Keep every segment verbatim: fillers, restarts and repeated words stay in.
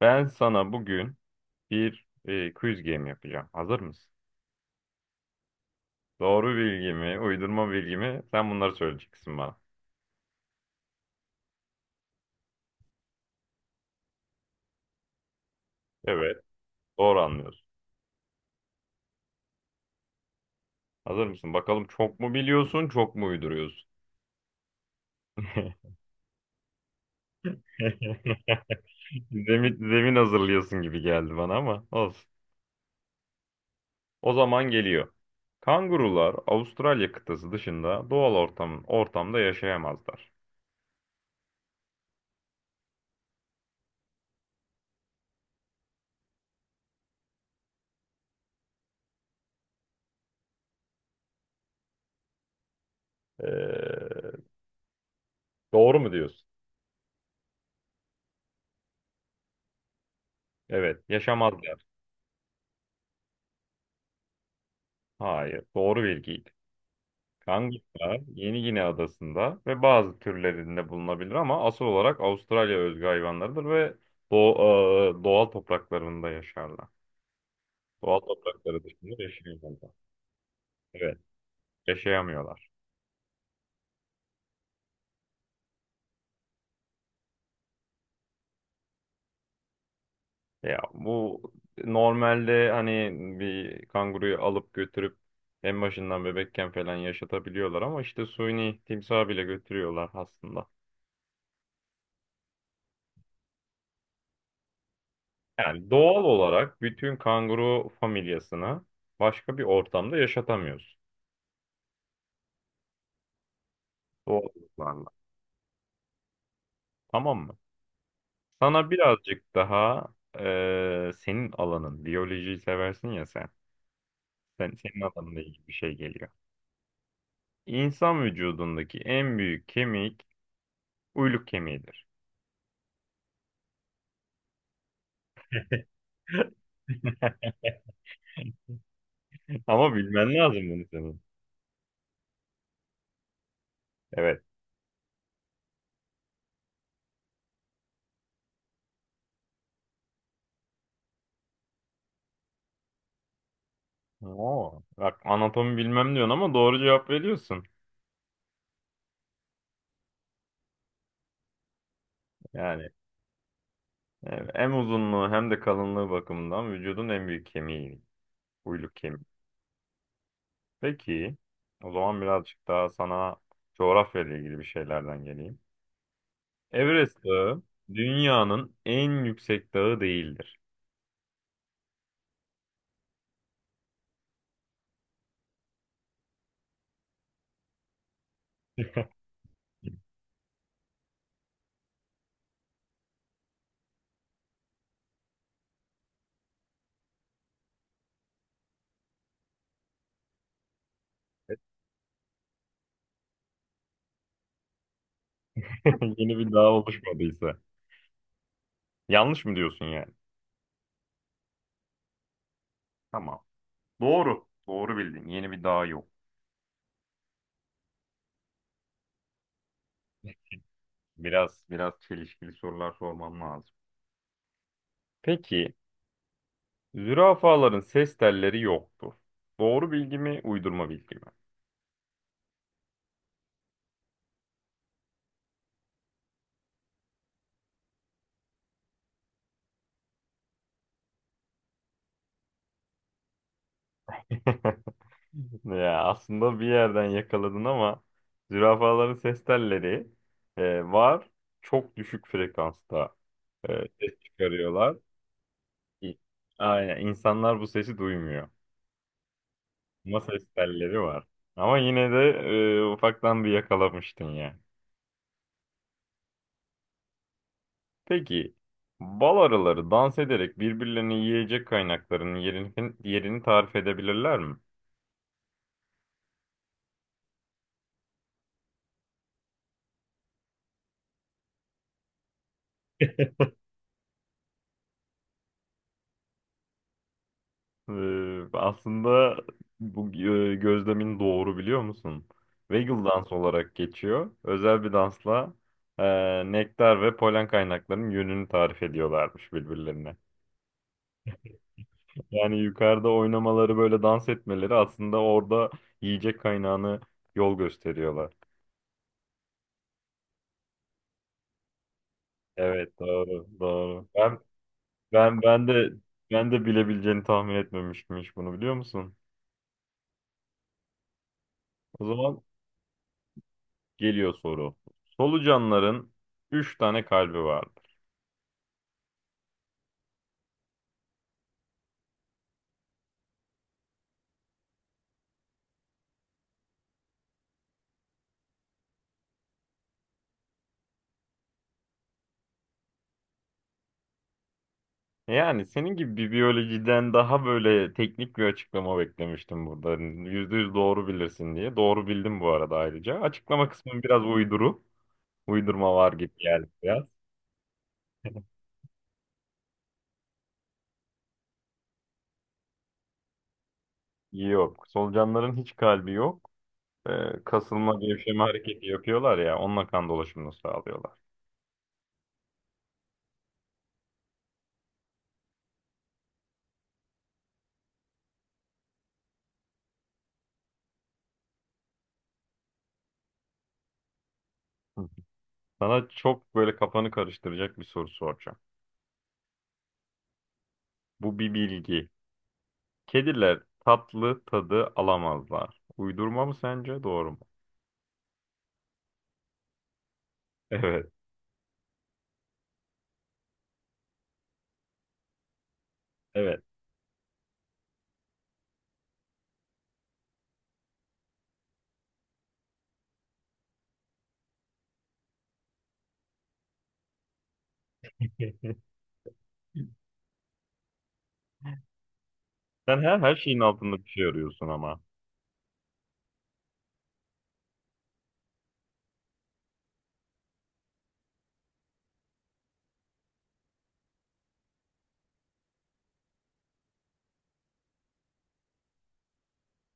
Ben sana bugün bir e, quiz game yapacağım. Hazır mısın? Doğru bilgi mi, uydurma bilgi mi? Sen bunları söyleyeceksin bana. Evet, doğru anlıyorsun. Hazır mısın? Bakalım çok mu biliyorsun, çok mu uyduruyorsun? Zemin, zemin hazırlıyorsun gibi geldi bana ama olsun. O zaman geliyor. Kangurular Avustralya kıtası dışında doğal ortam, ortamda yaşayamazlar. Ee, doğru mu diyorsun? Evet, yaşamazlar. Hayır, doğru bilgiydi. Kanguska, Yeni Gine adasında ve bazı türlerinde bulunabilir ama asıl olarak Avustralya özgü hayvanlarıdır ve doğ- e, doğal topraklarında yaşarlar. Doğal toprakları dışında yaşayamıyorlar. Evet, yaşayamıyorlar. Ya bu normalde hani bir kanguruyu alıp götürüp en başından bebekken falan yaşatabiliyorlar ama işte suni timsahı bile götürüyorlar aslında. Yani doğal olarak bütün kanguru familyasını başka bir ortamda yaşatamıyorsun. O doğallıklarla. Tamam mı? Sana birazcık daha eee, senin alanın, biyolojiyi seversin ya sen. Sen senin alanında ilgili bir şey geliyor. İnsan vücudundaki en büyük kemik uyluk kemiğidir. Ama bilmen lazım bunu senin. Evet. Oo, bak anatomi bilmem diyorsun ama doğru cevap veriyorsun. Yani evet, hem uzunluğu hem de kalınlığı bakımından vücudun en büyük kemiği uyluk kemiği. Peki, o zaman birazcık daha sana coğrafya ile ilgili bir şeylerden geleyim. Everest Dağı dünyanın en yüksek dağı değildir. Yeni bir dağ oluşmadıysa. Yanlış mı diyorsun yani? Tamam. Doğru. Doğru bildin. Yeni bir dağ yok. Biraz biraz çelişkili sorular sormam lazım. Peki, zürafaların ses telleri yoktur. Doğru bilgi mi, uydurma bilgi mi? Ya aslında bir yerden yakaladın ama zürafaların ses telleri e, var. Çok düşük frekansta e, ses çıkarıyorlar. İ- Aynen insanlar bu sesi duymuyor. Ama ses telleri var. Ama yine de e, ufaktan bir yakalamıştın ya. Peki bal arıları dans ederek birbirlerini yiyecek kaynaklarının yerini, yerini tarif edebilirler mi? Ee, aslında bu e, gözlemin doğru biliyor musun? Waggle dans olarak geçiyor. Özel bir dansla e, nektar ve polen kaynaklarının yönünü tarif ediyorlarmış birbirlerine. Yani yukarıda oynamaları böyle dans etmeleri aslında orada yiyecek kaynağını yol gösteriyorlar. Evet doğru doğru. Ben ben ben de ben de bilebileceğini tahmin etmemiştim hiç bunu biliyor musun? O zaman geliyor soru. Solucanların üç tane kalbi var. Yani senin gibi bir biyolojiden daha böyle teknik bir açıklama beklemiştim burada. Hani yüzde yüz doğru bilirsin diye. Doğru bildim bu arada ayrıca. Açıklama kısmı biraz uyduru. Uydurma var gibi geldi biraz. Yok. Solucanların hiç kalbi yok. Ee, kasılma gevşeme hareketi yapıyorlar ya. Onunla kan dolaşımını sağlıyorlar. Hı. Sana çok böyle kafanı karıştıracak bir soru soracağım. Bu bir bilgi. Kediler tatlı tadı alamazlar. Uydurma mı sence? Doğru mu? Evet. Evet. Sen her, her şeyin altında bir şey arıyorsun ama.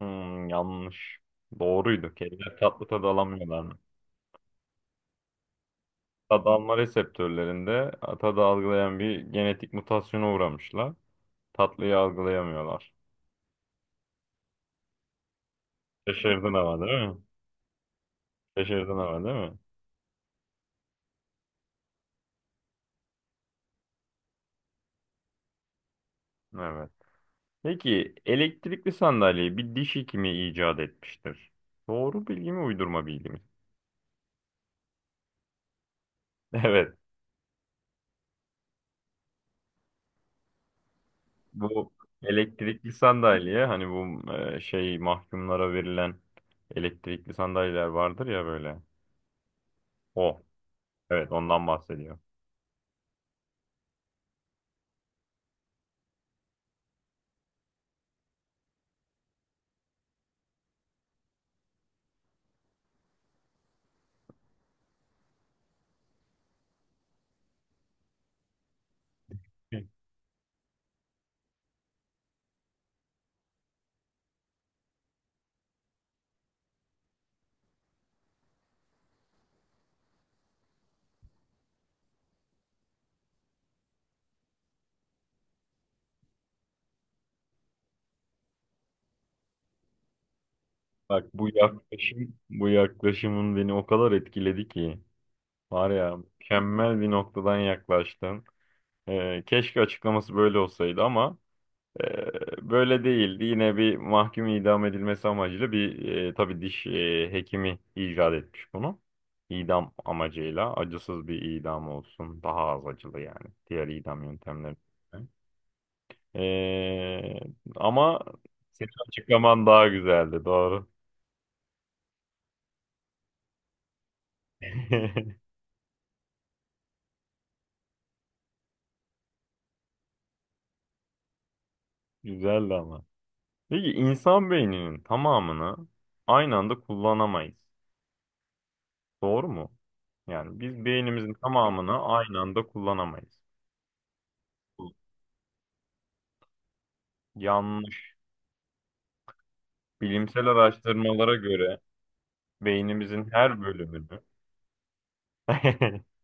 Hmm, yanlış. Doğruydu. Kediler tatlı tadı alamıyorlar mı? Tad alma reseptörlerinde tadı algılayan bir genetik mutasyona uğramışlar. Tatlıyı algılayamıyorlar. Şaşırdın ama değil mi? Şaşırdın ama değil mi? Evet. Peki elektrikli sandalyeyi bir diş hekimi icat etmiştir. Doğru bilgi mi, uydurma bilgi mi? Evet. Bu elektrikli sandalye hani bu e, şey mahkumlara verilen elektrikli sandalyeler vardır ya böyle. O. Evet ondan bahsediyor. Hı. Bak bu yaklaşım bu yaklaşımın beni o kadar etkiledi ki var ya mükemmel bir noktadan yaklaştın. E, keşke açıklaması böyle olsaydı ama Ee, böyle değildi. Yine bir mahkum idam edilmesi amacıyla bir e, tabii diş e, hekimi icat etmiş bunu. İdam amacıyla acısız bir idam olsun. Daha az acılı yani. Diğer idam yöntemleri. Ee, ama senin açıklaman daha güzeldi. Doğru. Güzeldi ama. Peki insan beyninin tamamını aynı anda kullanamayız. Doğru mu? Yani biz beynimizin tamamını aynı anda kullanamayız. Yanlış. Bilimsel araştırmalara göre beynimizin her bölümünü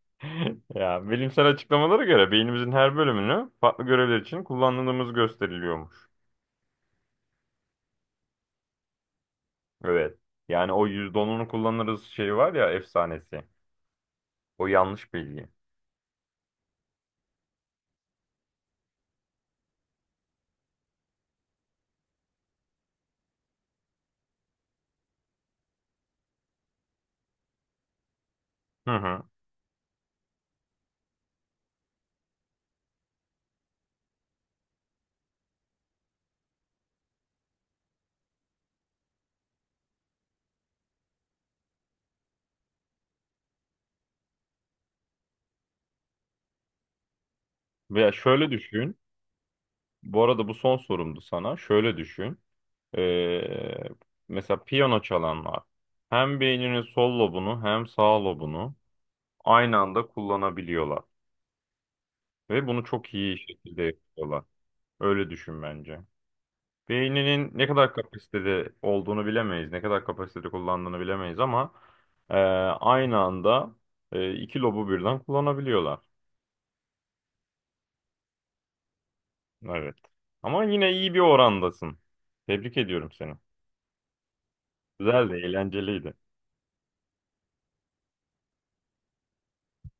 ya bilimsel açıklamalara göre beynimizin her bölümünü farklı görevler için kullandığımız gösteriliyormuş. Evet. Yani o yüzde onunu kullanırız şey var ya efsanesi. O yanlış bilgi. Hı hı. Veya şöyle düşün. Bu arada bu son sorumdu sana. Şöyle düşün. Ee, mesela piyano çalanlar hem beyninin sol lobunu hem sağ lobunu aynı anda kullanabiliyorlar. Ve bunu çok iyi şekilde yapıyorlar. Öyle düşün bence. Beyninin ne kadar kapasitede olduğunu bilemeyiz. Ne kadar kapasitede kullandığını bilemeyiz ama e, aynı anda e, iki lobu birden kullanabiliyorlar. Evet. Ama yine iyi bir orandasın. Tebrik ediyorum seni. Güzeldi, eğlenceliydi.